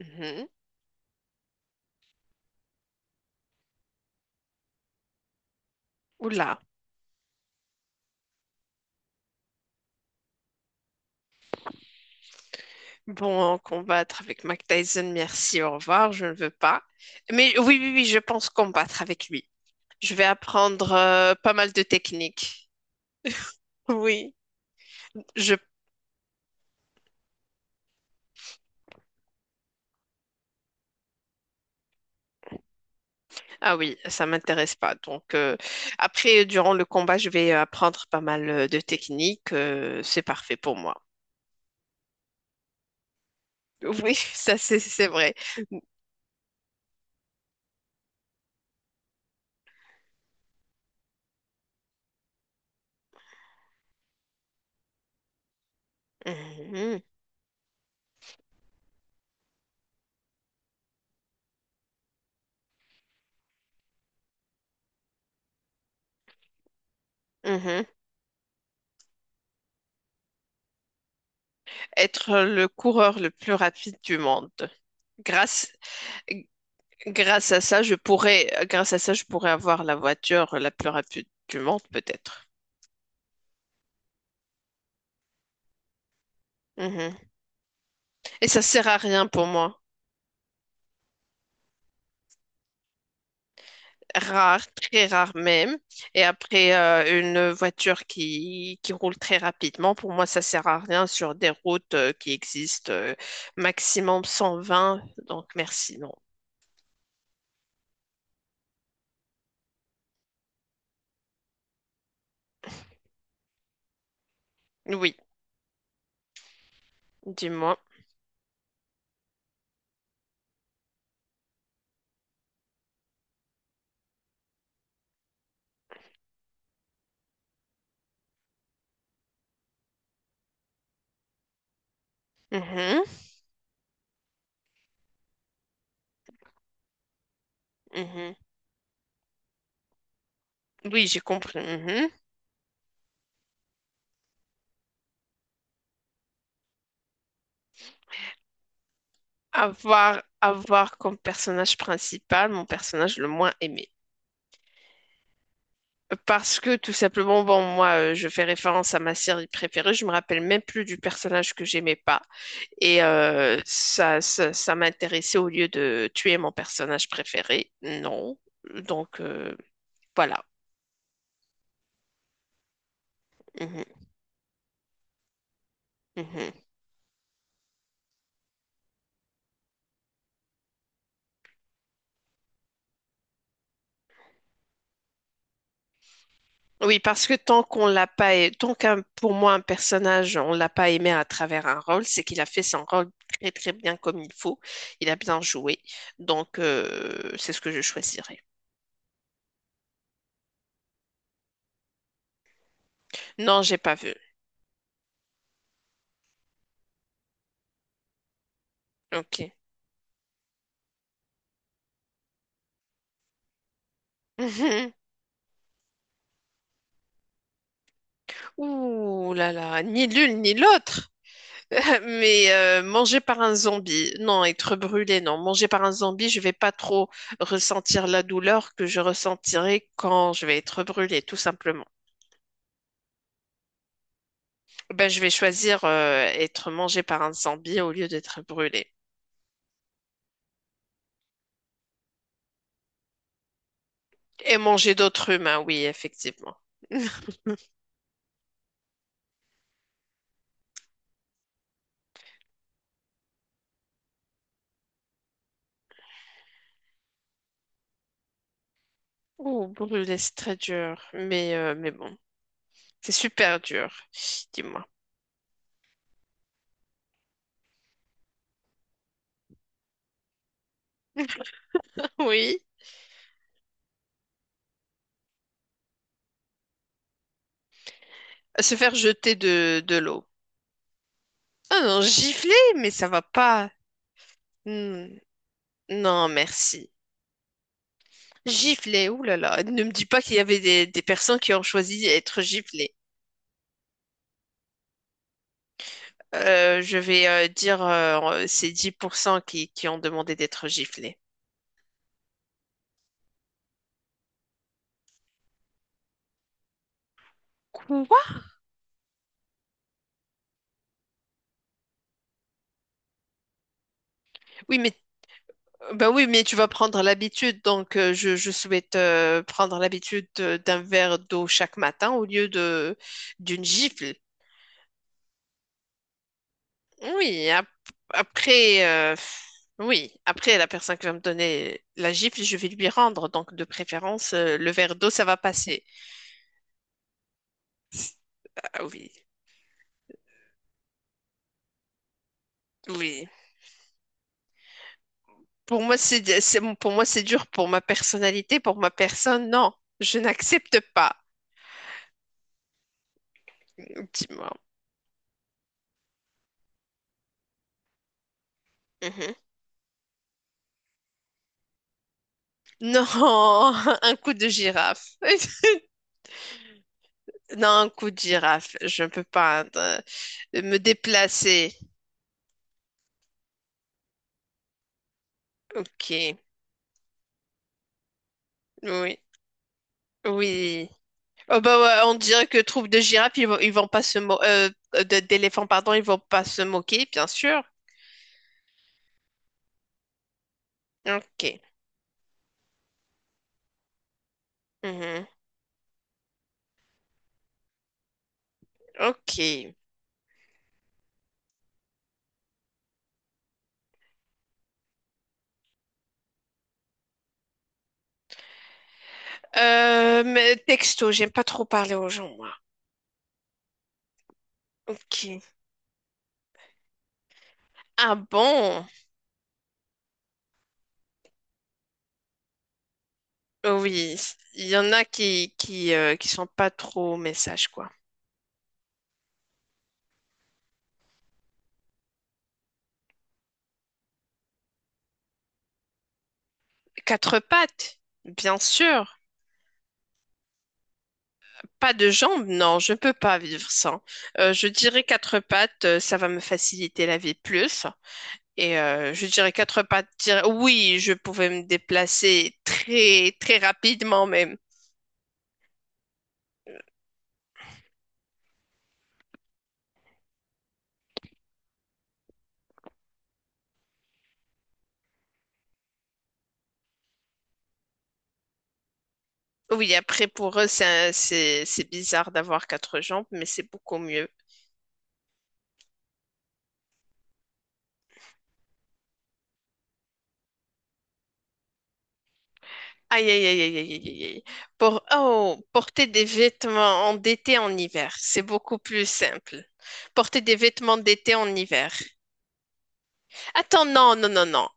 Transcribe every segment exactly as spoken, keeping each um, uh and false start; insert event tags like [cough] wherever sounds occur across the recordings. Mhm. Oula. Bon, combattre avec Mike Tyson, merci, au revoir, je ne veux pas. Mais oui, oui, oui, je pense combattre avec lui. Je vais apprendre euh, pas mal de techniques. Oui, je... Ah oui, ça m'intéresse pas. Donc, euh, après, durant le combat, je vais apprendre pas mal euh, de techniques. euh, c'est parfait pour moi. Oui, [laughs] ça, c'est c'est vrai. Mhm, mhm. Être le coureur le plus rapide du monde. Grâce... Grâce à ça, je pourrais, grâce à ça, je pourrais avoir la voiture la plus rapide du monde, peut-être. Mhm. Et ça sert à rien pour moi. Rare, très rare même. Et après, euh, une voiture qui, qui roule très rapidement, pour moi, ça sert à rien sur des routes euh, qui existent euh, maximum cent vingt. Donc, merci, non. Oui, dis-moi. Mhm, mhm. Oui, j'ai compris. Mhm. Avoir, avoir comme personnage principal mon personnage le moins aimé. Parce que tout simplement, bon, moi, euh, je fais référence à ma série préférée, je me rappelle même plus du personnage que j'aimais pas. Et euh, ça, ça, ça m'intéressait au lieu de tuer mon personnage préféré. Non. Donc, euh, voilà. Mhm, mhm. Oui, parce que tant qu'on l'a pas, a- tant qu'un, pour moi, un personnage, on l'a pas aimé à travers un rôle, c'est qu'il a fait son rôle très, très bien comme il faut. Il a bien joué. Donc, euh, c'est ce que je choisirais. Non, j'ai pas vu. Ok. [laughs] Ouh là là, ni l'une ni l'autre. [laughs] Mais euh, manger par un zombie, non, être brûlé, non. Manger par un zombie, je vais pas trop ressentir la douleur que je ressentirai quand je vais être brûlé, tout simplement. Ben, je vais choisir euh, être mangé par un zombie au lieu d'être brûlé. Et manger d'autres humains, oui, effectivement. [laughs] Oh, brûlé, c'est très dur. Mais, euh, mais bon, c'est super dur, dis-moi. [laughs] Oui, se faire jeter de, de l'eau. Ah non, gifler, mais ça va pas. Hmm, Non, merci. Gifler, oulala. Ne me dis pas qu'il y avait des, des personnes qui ont choisi d'être giflées. Euh, je vais euh, dire euh, c'est dix pour cent qui, qui ont demandé d'être giflées. Quoi? Oui, mais bah oui, mais tu vas prendre l'habitude, donc euh, je, je souhaite euh, prendre l'habitude de- d'un verre d'eau chaque matin au lieu de d'une gifle. Oui, ap- après, euh, oui, après la personne qui va me donner la gifle, je vais lui rendre. Donc, de préférence, euh, le verre d'eau, ça va passer. Ah oui, oui. Pour moi, c'est, c'est- pour moi, c'est dur. Pour ma personnalité, pour ma personne, non, je n'accepte pas. Dis-moi. Mhm. Non, [laughs] un coup de girafe. [laughs] Non, un coup de girafe. Je ne peux pas euh, me déplacer. Ok. Oui. Oui. Oh bah ouais, on dirait que troupe de girafes, ils vont, ils vont pas se mo euh, de- d'éléphants, pardon, ils vont pas se moquer, bien sûr. Ok. Mhm. Ok. Euh, mais texto, j'aime pas trop parler aux gens, moi. Ok. Ah bon? Oh Oui, il y en a qui qui euh, qui sont pas trop messages quoi. Quatre pattes, bien sûr. Pas de jambes, non, je peux pas vivre sans. Euh, je dirais quatre pattes, euh, ça va me faciliter la vie plus. Et euh, je dirais quatre pattes. dire- Oui, je pouvais me déplacer très, très rapidement même. Oui, après, pour eux, c'est un- c'est c'est bizarre d'avoir quatre jambes, mais c'est beaucoup mieux. Aïe, aïe, aïe, aïe, aïe, aïe, aïe. Pour, oh, porter des vêtements en d'été en hiver, c'est beaucoup plus simple. Porter des vêtements d'été en hiver. Attends, non, non, non, non.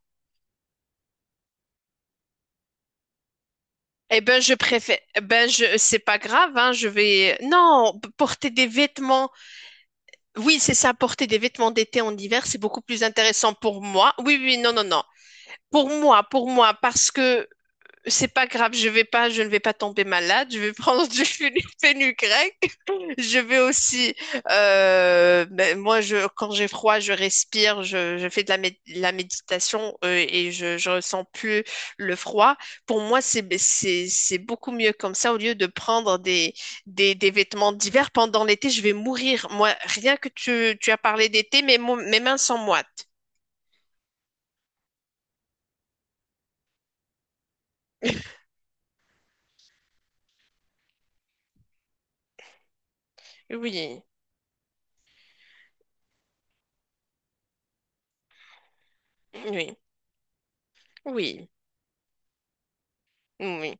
Eh ben, je préfère. Eh ben, je, c'est pas grave, hein, je vais. Non, porter des vêtements. Oui, c'est ça, porter des vêtements d'été en hiver, c'est beaucoup plus intéressant pour moi. Oui, oui, non, non, non. Pour moi, pour moi, parce que c'est pas grave, je vais pas, je ne vais pas tomber malade, je vais prendre du [laughs] fenugrec. Je vais aussi, euh, ben, moi, je, quand j'ai froid, je respire, je, je fais de la, mé- la méditation euh, et je, je ressens plus le froid. Pour moi, c'est, ben, c'est, c'est beaucoup mieux comme ça au lieu de prendre des, des, des vêtements d'hiver pendant l'été, je vais mourir. Moi, rien que tu, tu as parlé d'été, mes, mo- mes mains sont moites. Oui, oui, oui, oui.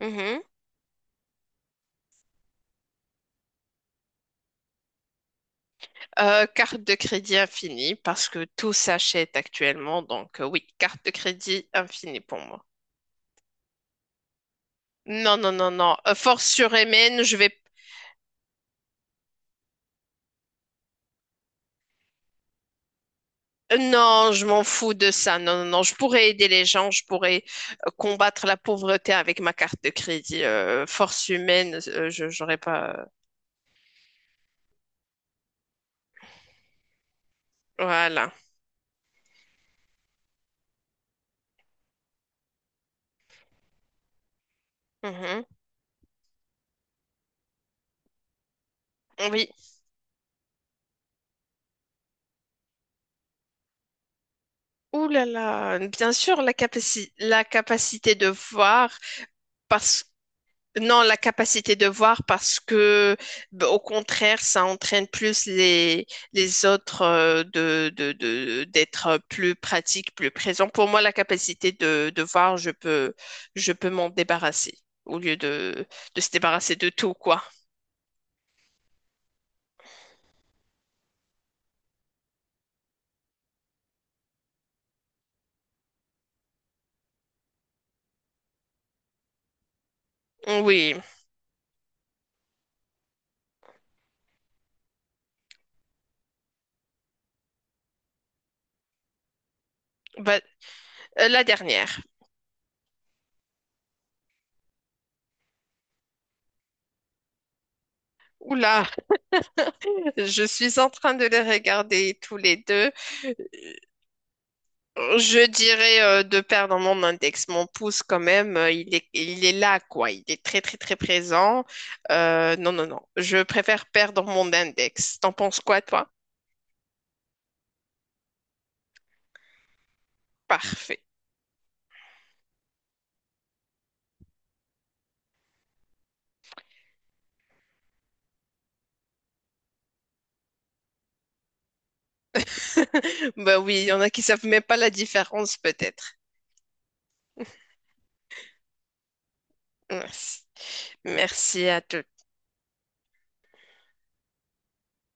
Mhm. Euh, carte de crédit infinie parce que tout s'achète actuellement. Donc, euh, oui, carte de crédit infinie pour moi. Non, non, non, non. Euh, Force surhumaine, je vais... euh, Non, je m'en fous de ça. Non, non, non. Je pourrais aider les gens, je pourrais euh, combattre la pauvreté avec ma carte de crédit. Euh, force humaine, euh, je j'aurais pas... euh, Voilà. Mhm. Oui. Ouh là là. Bien sûr, la capaci- la capacité de voir, parce non, la capacité de voir parce que, b- au contraire, ça entraîne plus les, les autres euh, de, de, de- d'être plus pratique, plus présent. Pour moi, la capacité de, de voir, je peux, je peux m'en débarrasser au lieu de, de se débarrasser de tout, quoi. Oui, bah, euh, la dernière. Oula, [laughs] je suis en train de les regarder tous les deux. Je dirais euh, de perdre mon index. Mon pouce, quand même, euh, il est, il est là, quoi. Il est très, très, très présent. Euh, non, non, non. Je préfère perdre mon index. T'en penses quoi, toi? Parfait. [laughs] Bah oui, il y en a qui savent même pas la différence, peut-être. Merci. Merci à toi.